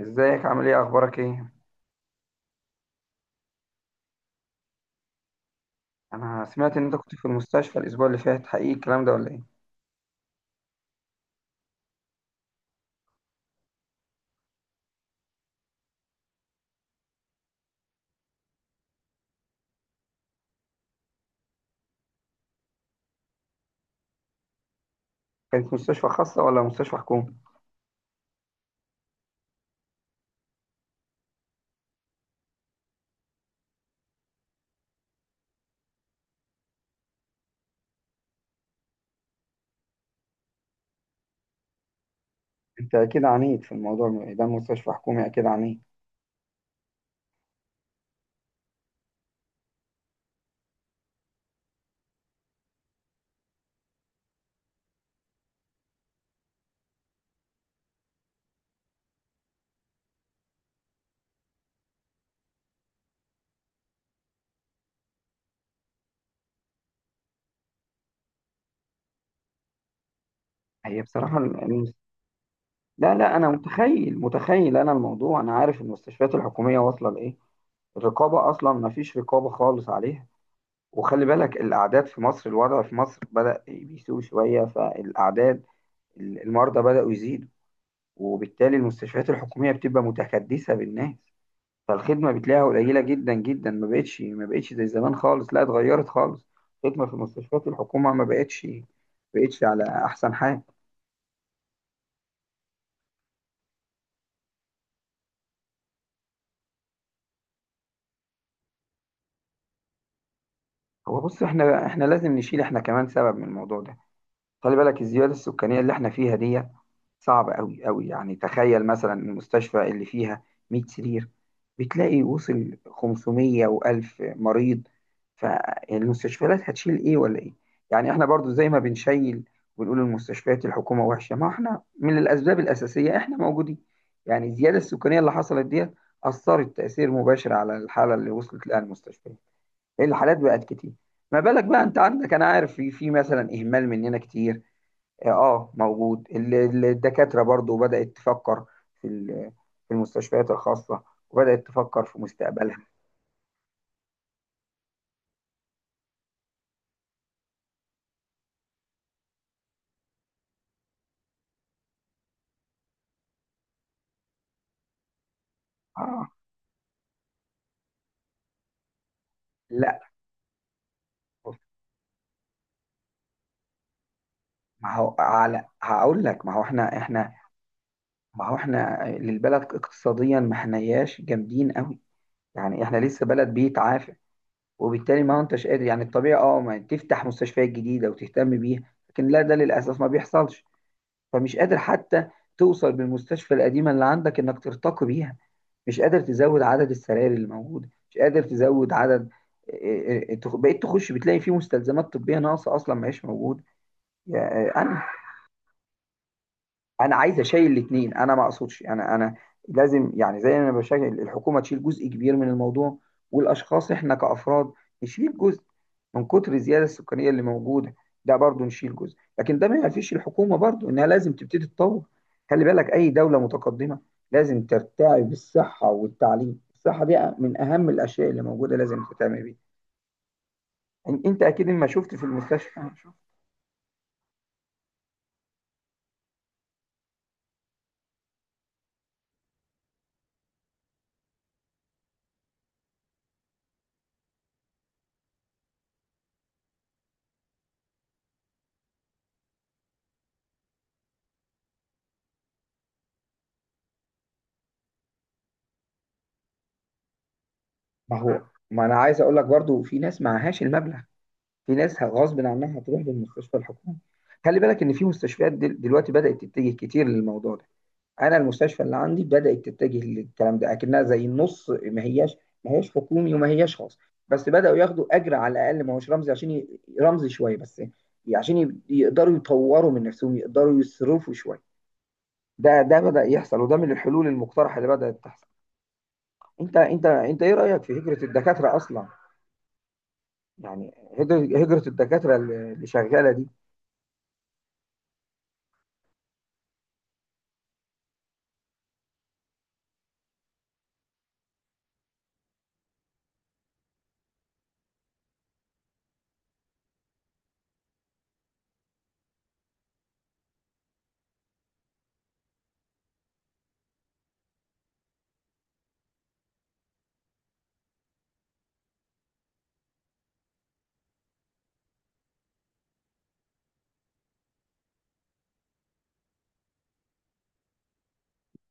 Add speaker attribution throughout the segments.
Speaker 1: ازيك؟ عامل ايه؟ اخبارك ايه؟ انا سمعت ان انت كنت في المستشفى الاسبوع اللي فات، حقيقي الكلام ده ولا ايه؟ كانت مستشفى خاصة ولا مستشفى حكومي؟ انت اكيد عنيد في الموضوع ده، مستشفى حكومي اكيد عنيد. هي بصراحة لا لا، انا متخيل انا الموضوع، انا عارف المستشفيات الحكومية واصلة لايه. الرقابة اصلا ما فيش رقابة خالص عليها. وخلي بالك الاعداد في مصر، الوضع في مصر بدأ بيسوء شوية، فالاعداد المرضى بدأوا يزيدوا، وبالتالي المستشفيات الحكومية بتبقى متكدسة بالناس. فالخدمه بتلاقيها قليله جدا جدا، ما بقتش زي زمان خالص، لا اتغيرت خالص. الخدمه في مستشفيات الحكومه ما بقتش على احسن حال. هو بص، احنا لازم نشيل، احنا كمان سبب من الموضوع ده. خلي بالك الزيادة السكانية اللي احنا فيها دي صعبة قوي قوي. يعني تخيل مثلا المستشفى اللي فيها 100 سرير، بتلاقي وصل 500 و1000 مريض، فالمستشفيات هتشيل ايه ولا ايه؟ يعني احنا برضو زي ما بنشيل ونقول المستشفيات الحكومة وحشة، ما احنا من الأسباب الأساسية احنا موجودين. يعني الزيادة السكانية اللي حصلت دي أثرت تأثير مباشر على الحالة اللي وصلت لها المستشفيات. الحالات بقت كتير. ما بالك بقى انت عندك، انا عارف في مثلا اهمال مننا كتير. اه، موجود. الدكاترة برضو بدأت تفكر في في المستشفيات الخاصة، وبدأت تفكر في مستقبلها. اه، لا، بص، ما هو على هقول لك ما هو احنا ما هو احنا للبلد اقتصاديا ما احناش جامدين قوي، يعني احنا لسه بلد بيتعافى. وبالتالي ما هو انتش قادر، يعني الطبيعي اه ما تفتح مستشفيات جديدة وتهتم بيها، لكن لا ده للأسف ما بيحصلش. فمش قادر حتى توصل بالمستشفى القديمة اللي عندك انك ترتقي بيها، مش قادر تزود عدد السراير اللي موجوده، مش قادر تزود عدد. بقيت تخش بتلاقي فيه مستلزمات طبيه ناقصه، اصلا ما هيش موجوده. يا- آه، انهي انا عايز اشيل الاثنين، انا ما اقصدش، انا لازم، يعني زي ما انا بشكل الحكومه تشيل جزء كبير من الموضوع، والاشخاص احنا كافراد نشيل جزء من كتر الزياده السكانيه اللي موجوده، ده برضو نشيل جزء. لكن ده ما ينفيش الحكومه برضو انها لازم تبتدي تطور. خلي بالك اي دوله متقدمه لازم ترتعي بالصحه والتعليم، الصحه دي من اهم الاشياء اللي موجوده، لازم تهتم بيها. انت اكيد ما شفت في المستشفى. ما هو، ما انا عايز اقول لك برضو في ناس معهاش المبلغ، في ناس غصب عنها هتروح للمستشفى الحكومي. خلي بالك ان في مستشفيات دلوقتي بدأت تتجه كتير للموضوع ده. انا المستشفى اللي عندي بدأت تتجه للكلام ده، اكنها زي النص، ما هياش، ما هياش حكومي وما هياش خاص. بس بدأوا ياخدوا اجر على الاقل ما هوش رمزي، عشان رمزي شويه بس عشان يقدروا يطوروا من نفسهم، يقدروا يصرفوا شويه. ده بدأ يحصل، وده من الحلول المقترحه اللي بدأت تحصل. انت ايه رأيك في هجرة الدكاتره اصلا؟ يعني هجرة الدكاتره اللي شغاله دي.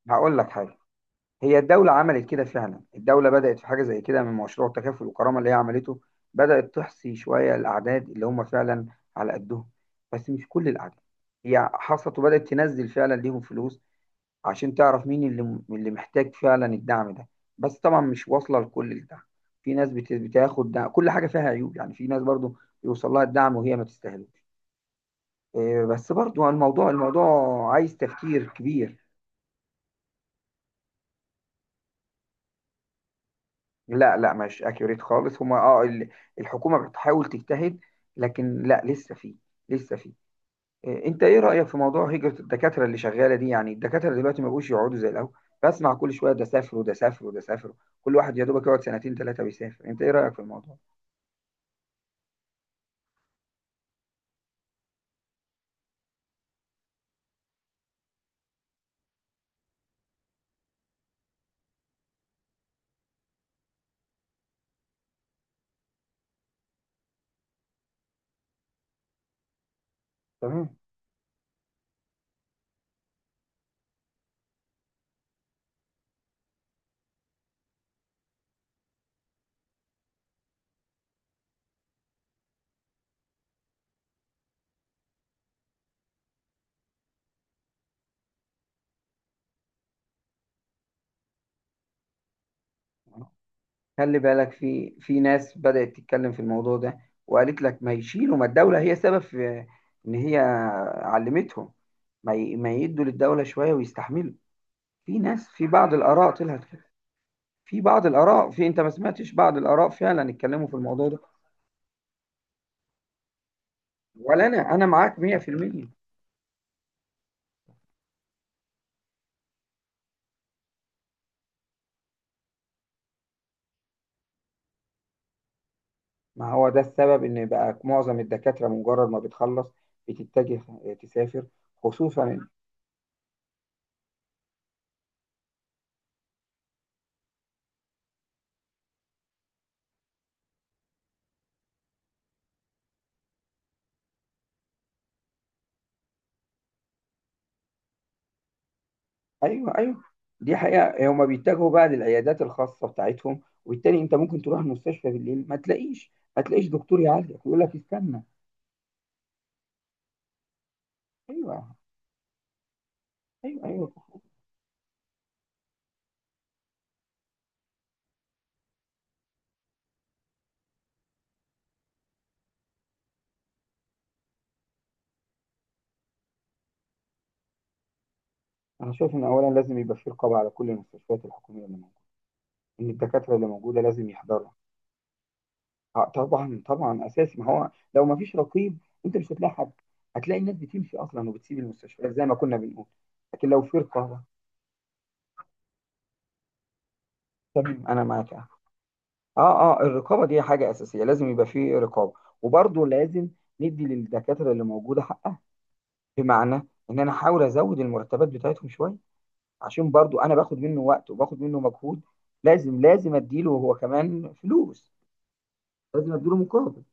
Speaker 1: هقول لك حاجه، هي الدولة عملت كده فعلا، الدولة بدأت في حاجة زي كده من مشروع تكافل وكرامة اللي هي عملته. بدأت تحصي شوية الأعداد اللي هم فعلا على قدهم، بس مش كل الأعداد. هي حصلت وبدأت تنزل فعلا ليهم فلوس، عشان تعرف مين اللي محتاج فعلا الدعم ده. بس طبعا مش واصلة لكل الدعم. في ناس بتاخد دعم، كل حاجة فيها عيوب، يعني في ناس برضو بيوصل لها الدعم وهي ما تستاهلوش. إيه، بس برضو الموضوع عايز تفكير كبير. لا لا، مش اكيوريت خالص. هما اه الحكومة بتحاول تجتهد، لكن لا لسه في، لسه في إيه، انت ايه رأيك في موضوع هجرة الدكاترة اللي شغالة دي؟ يعني الدكاترة دلوقتي ما بقوش يقعدوا زي الاول، بسمع كل شوية ده سافر وده سافر وده سافر، كل واحد يا دوبك يقعد سنتين ثلاثة بيسافر. انت ايه رأيك في الموضوع؟ تمام. خلي بالك في ناس بدأت تتكلم في الموضوع ده، وقالت لك ما يشيلوا، ما الدولة هي سبب في ان هي علمتهم، ما يدوا للدولة شوية ويستحملوا. في ناس في بعض الآراء طلعت كده، في بعض الآراء، في أنت ما سمعتش بعض الآراء فعلا اتكلموا في الموضوع ده؟ ولا أنا، أنا معاك 100%. ما هو ده السبب إن بقى معظم الدكاترة مجرد ما بتخلص بتتجه تسافر. خصوصا، أيوه، أيوه، دي حقيقة. هما بيتجهوا بقى للعيادات الخاصة بتاعتهم، وبالتالي أنت ممكن تروح المستشفى بالليل ما تلاقيش، دكتور يعالجك يقول لك استنى. أيوه، أيوه، أيوه. أنا شايف إن أولا لازم يبقى في رقابة على كل المستشفيات الحكومية اللي موجودة، إن الدكاترة اللي موجودة لازم يحضروا. طبعا طبعا، اساسي. ما هو لو ما فيش رقيب، انت مش هتلاقي حد، هتلاقي الناس بتمشي اصلا وبتسيب المستشفيات زي ما كنا بنقول. لكن لو في رقابه، تمام انا معاك. اه، اه الرقابه دي حاجه اساسيه، لازم يبقى في رقابه. وبرضه لازم ندي للدكاتره اللي موجوده حقها، بمعنى ان انا احاول ازود المرتبات بتاعتهم شويه، عشان برضه انا باخد منه وقت وباخد منه مجهود. لازم اديله هو كمان فلوس، لازم اديله مقابل.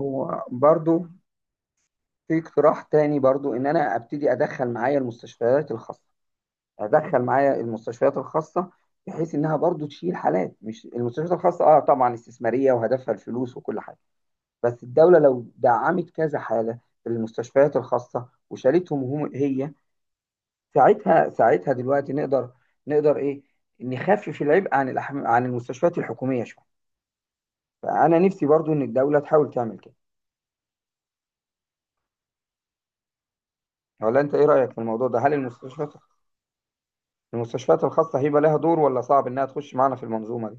Speaker 1: هو برضه في اقتراح تاني برضو، ان انا ابتدي ادخل معايا المستشفيات الخاصه، ادخل معايا المستشفيات الخاصه بحيث انها برضو تشيل حالات. مش المستشفيات الخاصه اه طبعا استثماريه وهدفها الفلوس وكل حاجه، بس الدوله لو دعمت كذا حاله في المستشفيات الخاصه وشالتهم هم هي، ساعتها، دلوقتي نقدر، نقدر ايه نخفف العبء عن عن المستشفيات الحكوميه شويه. فانا نفسي برضو ان الدوله تحاول تعمل كده. ولا انت ايه رايك في الموضوع ده، هل المستشفيات، المستشفيات الخاصة هيبقى لها دور ولا صعب إنها تخش معانا في المنظومة دي؟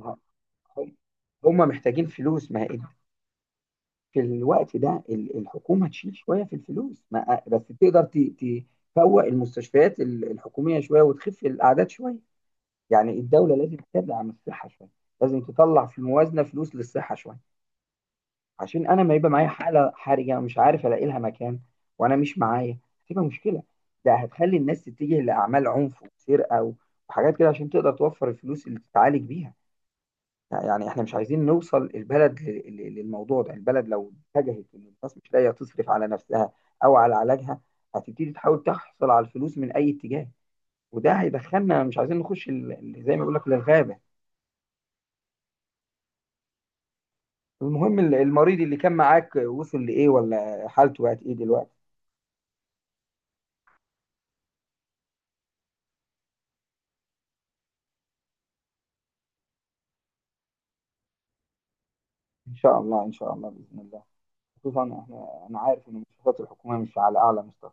Speaker 1: ه- هم، محتاجين فلوس. ما هي- في الوقت ده الحكومه تشيل شويه في الفلوس، ما بس تقدر تفوق المستشفيات الحكوميه شويه وتخف الاعداد شويه. يعني الدوله لازم تبعد عن الصحه شويه، لازم تطلع في الموازنه فلوس للصحه شويه، عشان انا ما يبقى معايا حاله حرجه ومش عارف الاقي لها مكان وانا مش معايا، هتبقى مشكله. ده هتخلي الناس تتجه لاعمال عنف وسرقه و- وحاجات كده عشان تقدر توفر الفلوس اللي تتعالج بيها. يعني احنا مش عايزين نوصل البلد للموضوع ده. البلد لو اتجهت ان الناس مش لاقيه تصرف على نفسها او على علاجها، هتبتدي تحاول تحصل على الفلوس من اي اتجاه، وده هيدخلنا، مش عايزين نخش زي ما بيقول لك للغابه. المهم المريض اللي كان معاك وصل لايه، ولا حالته بقت ايه دلوقتي؟ ان شاء الله ان شاء الله باذن الله، خصوصا احنا، انا عارف ان المستشفيات الحكوميه مش على اعلى مستوى.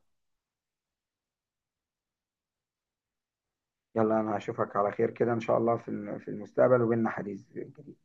Speaker 1: يلا انا هشوفك على خير كده ان شاء الله في في المستقبل، وبيننا حديث جديد.